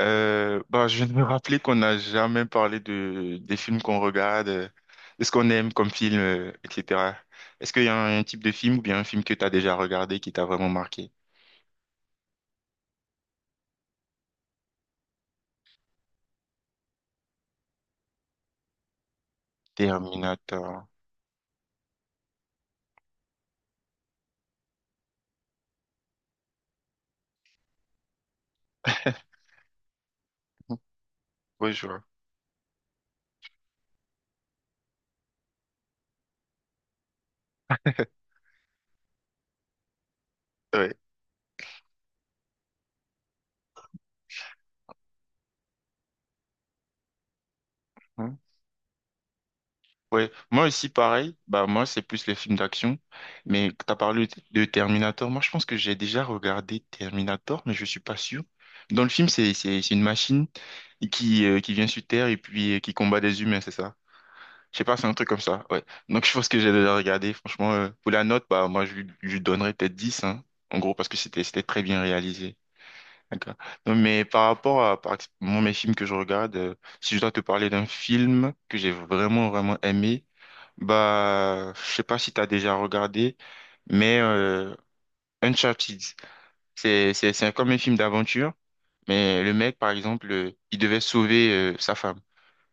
Bah, je viens de me rappeler qu'on n'a jamais parlé des films qu'on regarde, de ce qu'on aime comme film, etc. Est-ce qu'il y a un type de film ou bien un film que tu as déjà regardé qui t'a vraiment marqué? Terminator. Ouais, je vois. Ouais. Hein. Ouais. Moi aussi, pareil. Bah, moi, c'est plus les films d'action. Mais tu as parlé de Terminator. Moi, je pense que j'ai déjà regardé Terminator, mais je suis pas sûr. Dans le film, c'est une machine qui vient sur Terre et puis qui combat des humains, c'est ça? Je sais pas, c'est un truc comme ça, ouais. Donc je pense que j'ai déjà regardé, franchement, pour la note, bah moi je lui donnerais peut-être 10, hein, en gros, parce que c'était très bien réalisé. D'accord. Non, mais par rapport à moi, mes films que je regarde, si je dois te parler d'un film que j'ai vraiment, vraiment aimé, bah je sais pas si tu as déjà regardé, mais Uncharted, c'est comme un film d'aventure, mais le mec, par exemple, il devait sauver sa femme.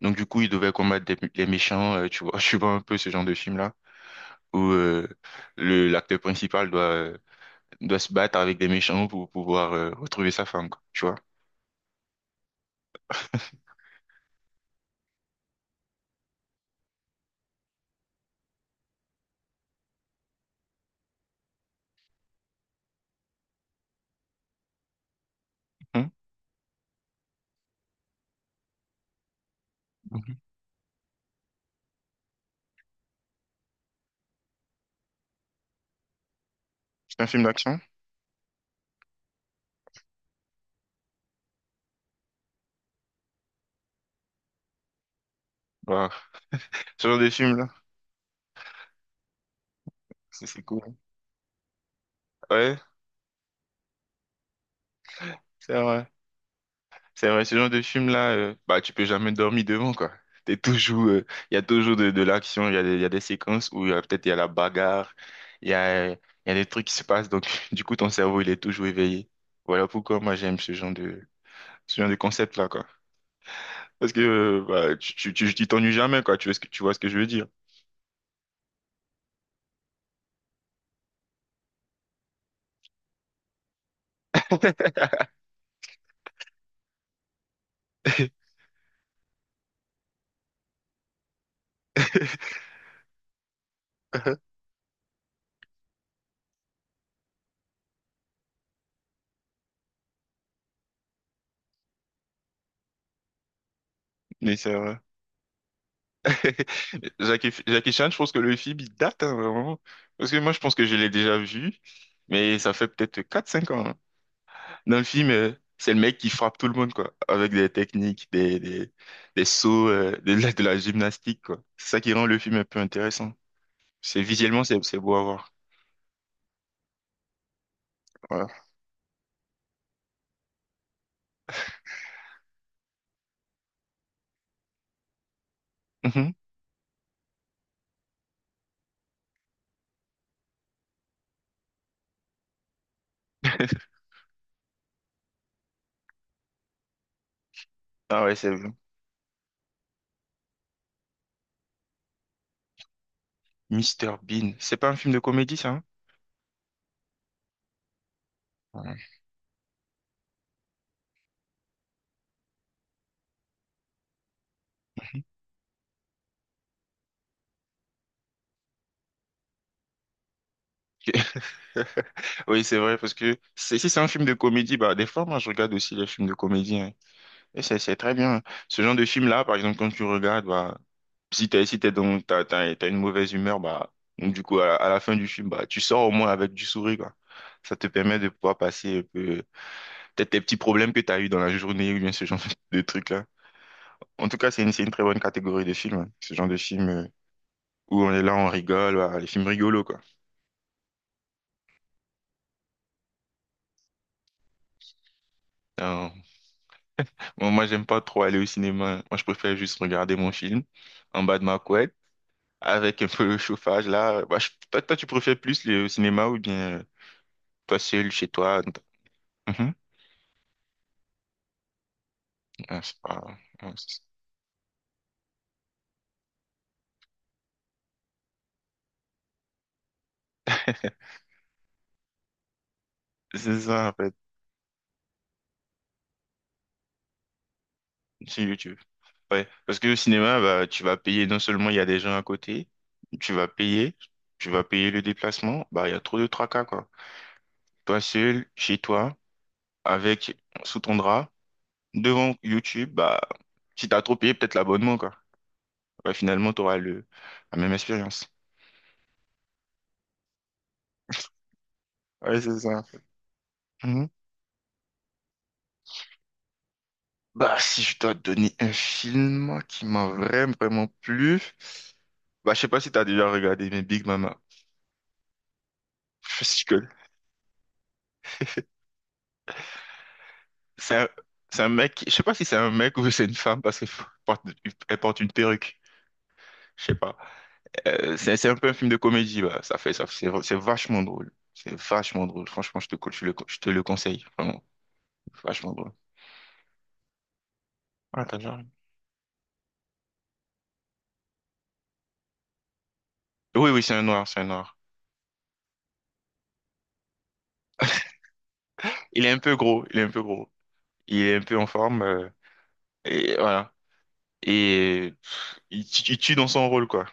Donc du coup, il devait combattre les méchants, tu vois, je vois un peu ce genre de film-là, où le l'acteur principal doit doit se battre avec des méchants pour pouvoir retrouver sa femme, quoi, tu vois. Mhm. Mhm. C'est un film d'action? Wow. Ce genre de film-là, c'est cool. Ouais, c'est vrai. C'est vrai, ce genre de film-là, bah, tu peux jamais dormir devant, quoi. T'es toujours, il y a toujours de l'action, il y a des séquences où peut-être il y a la bagarre, il y a des trucs qui se passent, donc du coup, ton cerveau, il est toujours éveillé. Voilà pourquoi moi, j'aime ce genre de concept-là, quoi. Parce que, bah, tu t'ennuies jamais, quoi. Tu vois ce que je veux dire. Mais c'est vrai. Jackie Chan, je pense que le film, il date, hein, vraiment. Parce que moi, je pense que je l'ai déjà vu, mais ça fait peut-être quatre cinq ans, hein. Dans le film, c'est le mec qui frappe tout le monde, quoi, avec des techniques, des sauts, de la gymnastique, quoi. C'est ça qui rend le film un peu intéressant. C'est visuellement, c'est beau à voir. Voilà. Mhm. Ah ouais, c'est vrai. Mr Bean. C'est pas un film de comédie, ça, hein? Ouais. Ok. Oui, c'est vrai, parce que si c'est un film de comédie, bah, des fois, moi, je regarde aussi les films de comédie, hein. Et c'est très bien. Ce genre de film-là, par exemple, quand tu regardes, bah, Si t'es, si t'es dans, t'as, t'as, t'as une mauvaise humeur, bah, donc du coup, à la fin du film, bah, tu sors au moins avec du sourire, quoi. Ça te permet de pouvoir passer un peu, peut-être tes petits problèmes que t'as eu dans la journée ou bien ce genre de trucs-là. En tout cas, c'est une très bonne catégorie de films, hein. Ce genre de film où on est là, on rigole, voilà, les films rigolos, quoi. Euh, bon, moi, j'aime pas trop aller au cinéma. Moi, je préfère juste regarder mon film en bas de ma couette avec un peu le chauffage, là. Bah, toi, toi, tu préfères plus le cinéma ou bien toi seul, chez toi? Mhm. Ah, c'est pas... Ah, c'est ça, en fait, sur YouTube. Ouais. Parce que le cinéma, bah, tu vas payer, non seulement il y a des gens à côté, tu vas payer, tu vas payer le déplacement, bah, il y a trop de tracas, quoi. Toi seul, chez toi, avec, sous ton drap, devant YouTube, bah, si t'as trop payé, peut-être l'abonnement, quoi. Ouais, finalement, t'auras le... la même expérience. Ouais, c'est ça, en fait. Mhm. Bah, si je dois te donner un film qui m'a vraiment, vraiment plu, bah, je sais pas si t'as déjà regardé, mais Big Mama. C'est un, c'est un mec, je sais pas si c'est un mec ou c'est une femme parce qu'elle porte, elle porte, une perruque, je sais pas. C'est un peu un film de comédie, bah. Ça, c'est vachement drôle. C'est vachement drôle. Franchement, je te le conseille, vraiment. Vachement drôle. Ah, t'as déjà- Oui, oui, c'est un noir, c'est un noir. Il est un peu gros, il est un peu gros. Il est un peu en forme, et voilà. Et il, il tue dans son rôle, quoi.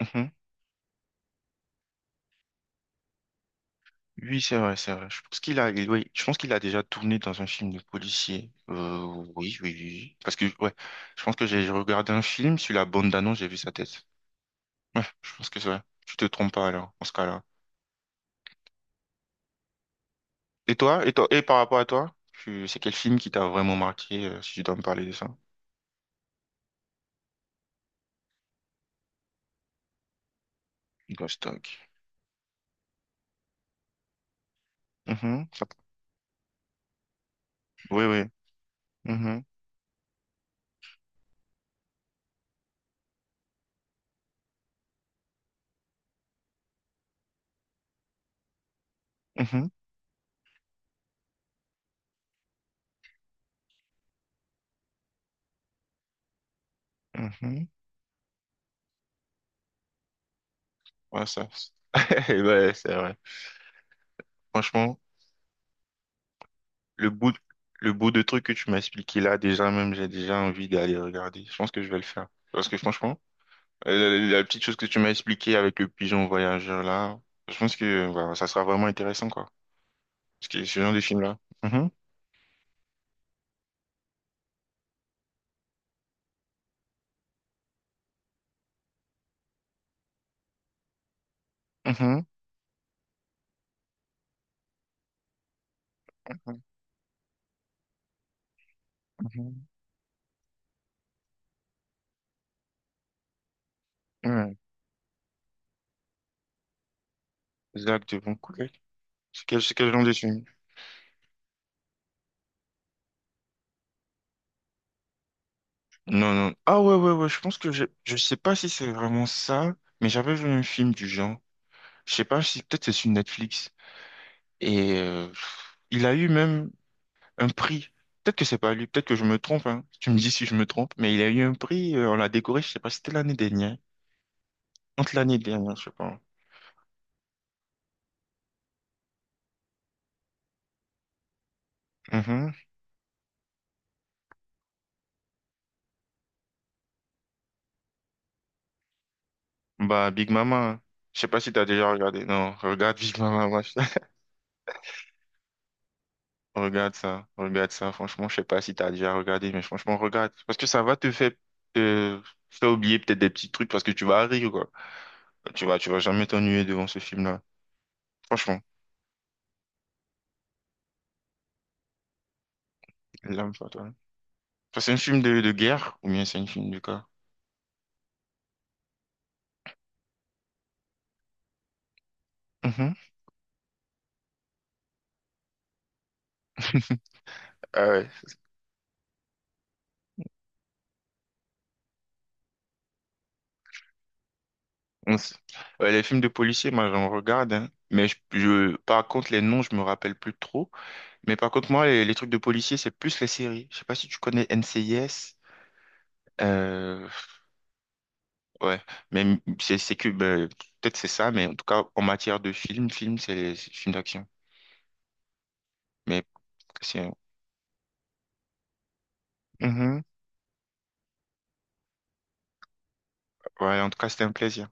Mhm. Oui, c'est vrai, c'est vrai. Je pense qu'il a, oui, je pense qu'il a déjà tourné dans un film de policier. Oui, oui, oui, oui. Parce que, ouais, je pense que j'ai regardé un film sur la bande annonce j'ai vu sa tête. Ouais, je pense que c'est vrai. Tu te trompes pas alors, en ce cas-là. Et toi, et par rapport à toi, c'est quel film qui t'a vraiment marqué, si tu dois me parler de ça? Ghost Dog. Mhm, ça- Oui, oui. Mhm, mhm, mhm. Ouais, ça. Ouais, c'est vrai. Franchement. Le bout, le bout de truc que tu m'as expliqué là, déjà même, j'ai déjà envie d'aller regarder. Je pense que je vais le faire. Parce que franchement, la petite chose que tu m'as expliqué avec le pigeon voyageur là, je pense que bah, ça sera vraiment intéressant, quoi. Parce que ce genre de film là. Mhm. Mhm. Mhm. Ouais. Zach de Vancouver. C'est quel genre de film? Non, non. Ah ouais, ouais, ouais, je pense que je sais pas si c'est vraiment ça, mais j'avais vu un film du genre. Je sais pas si peut-être c'est sur Netflix. Et il a eu même un prix. Peut-être que c'est pas lui, peut-être que je me trompe, hein. Tu me dis si je me trompe, mais il a eu un prix, on l'a décoré, je sais pas, si c'était l'année dernière. Entre l'année dernière, je sais pas. Mhm. Bah, Big Mama, hein. Je sais pas si t'as déjà regardé. Non, regarde Big Mama, wesh. Regarde ça, regarde ça. Franchement, je sais pas si t'as déjà regardé, mais franchement, regarde. Parce que ça va te faire oublier peut-être des petits trucs parce que tu vas rire, quoi. Tu vas jamais t'ennuyer devant ce film-là. Franchement, l'âme, toi, toi. Enfin, c'est un film de guerre ou bien c'est un film de quoi? Mhm. Ah ouais. On s- ouais, les films de policiers, moi j'en regarde, hein. Mais par contre, les noms, je me rappelle plus trop. Mais par contre, moi, les trucs de policiers, c'est plus les séries. Je sais pas si tu connais NCIS. Euh, ouais, mais c'est que ben, peut-être c'est ça, mais en tout cas, en matière de film, c'est film d'action. Mais c'est. Mhm. Ouais, en tout cas, c'était un plaisir.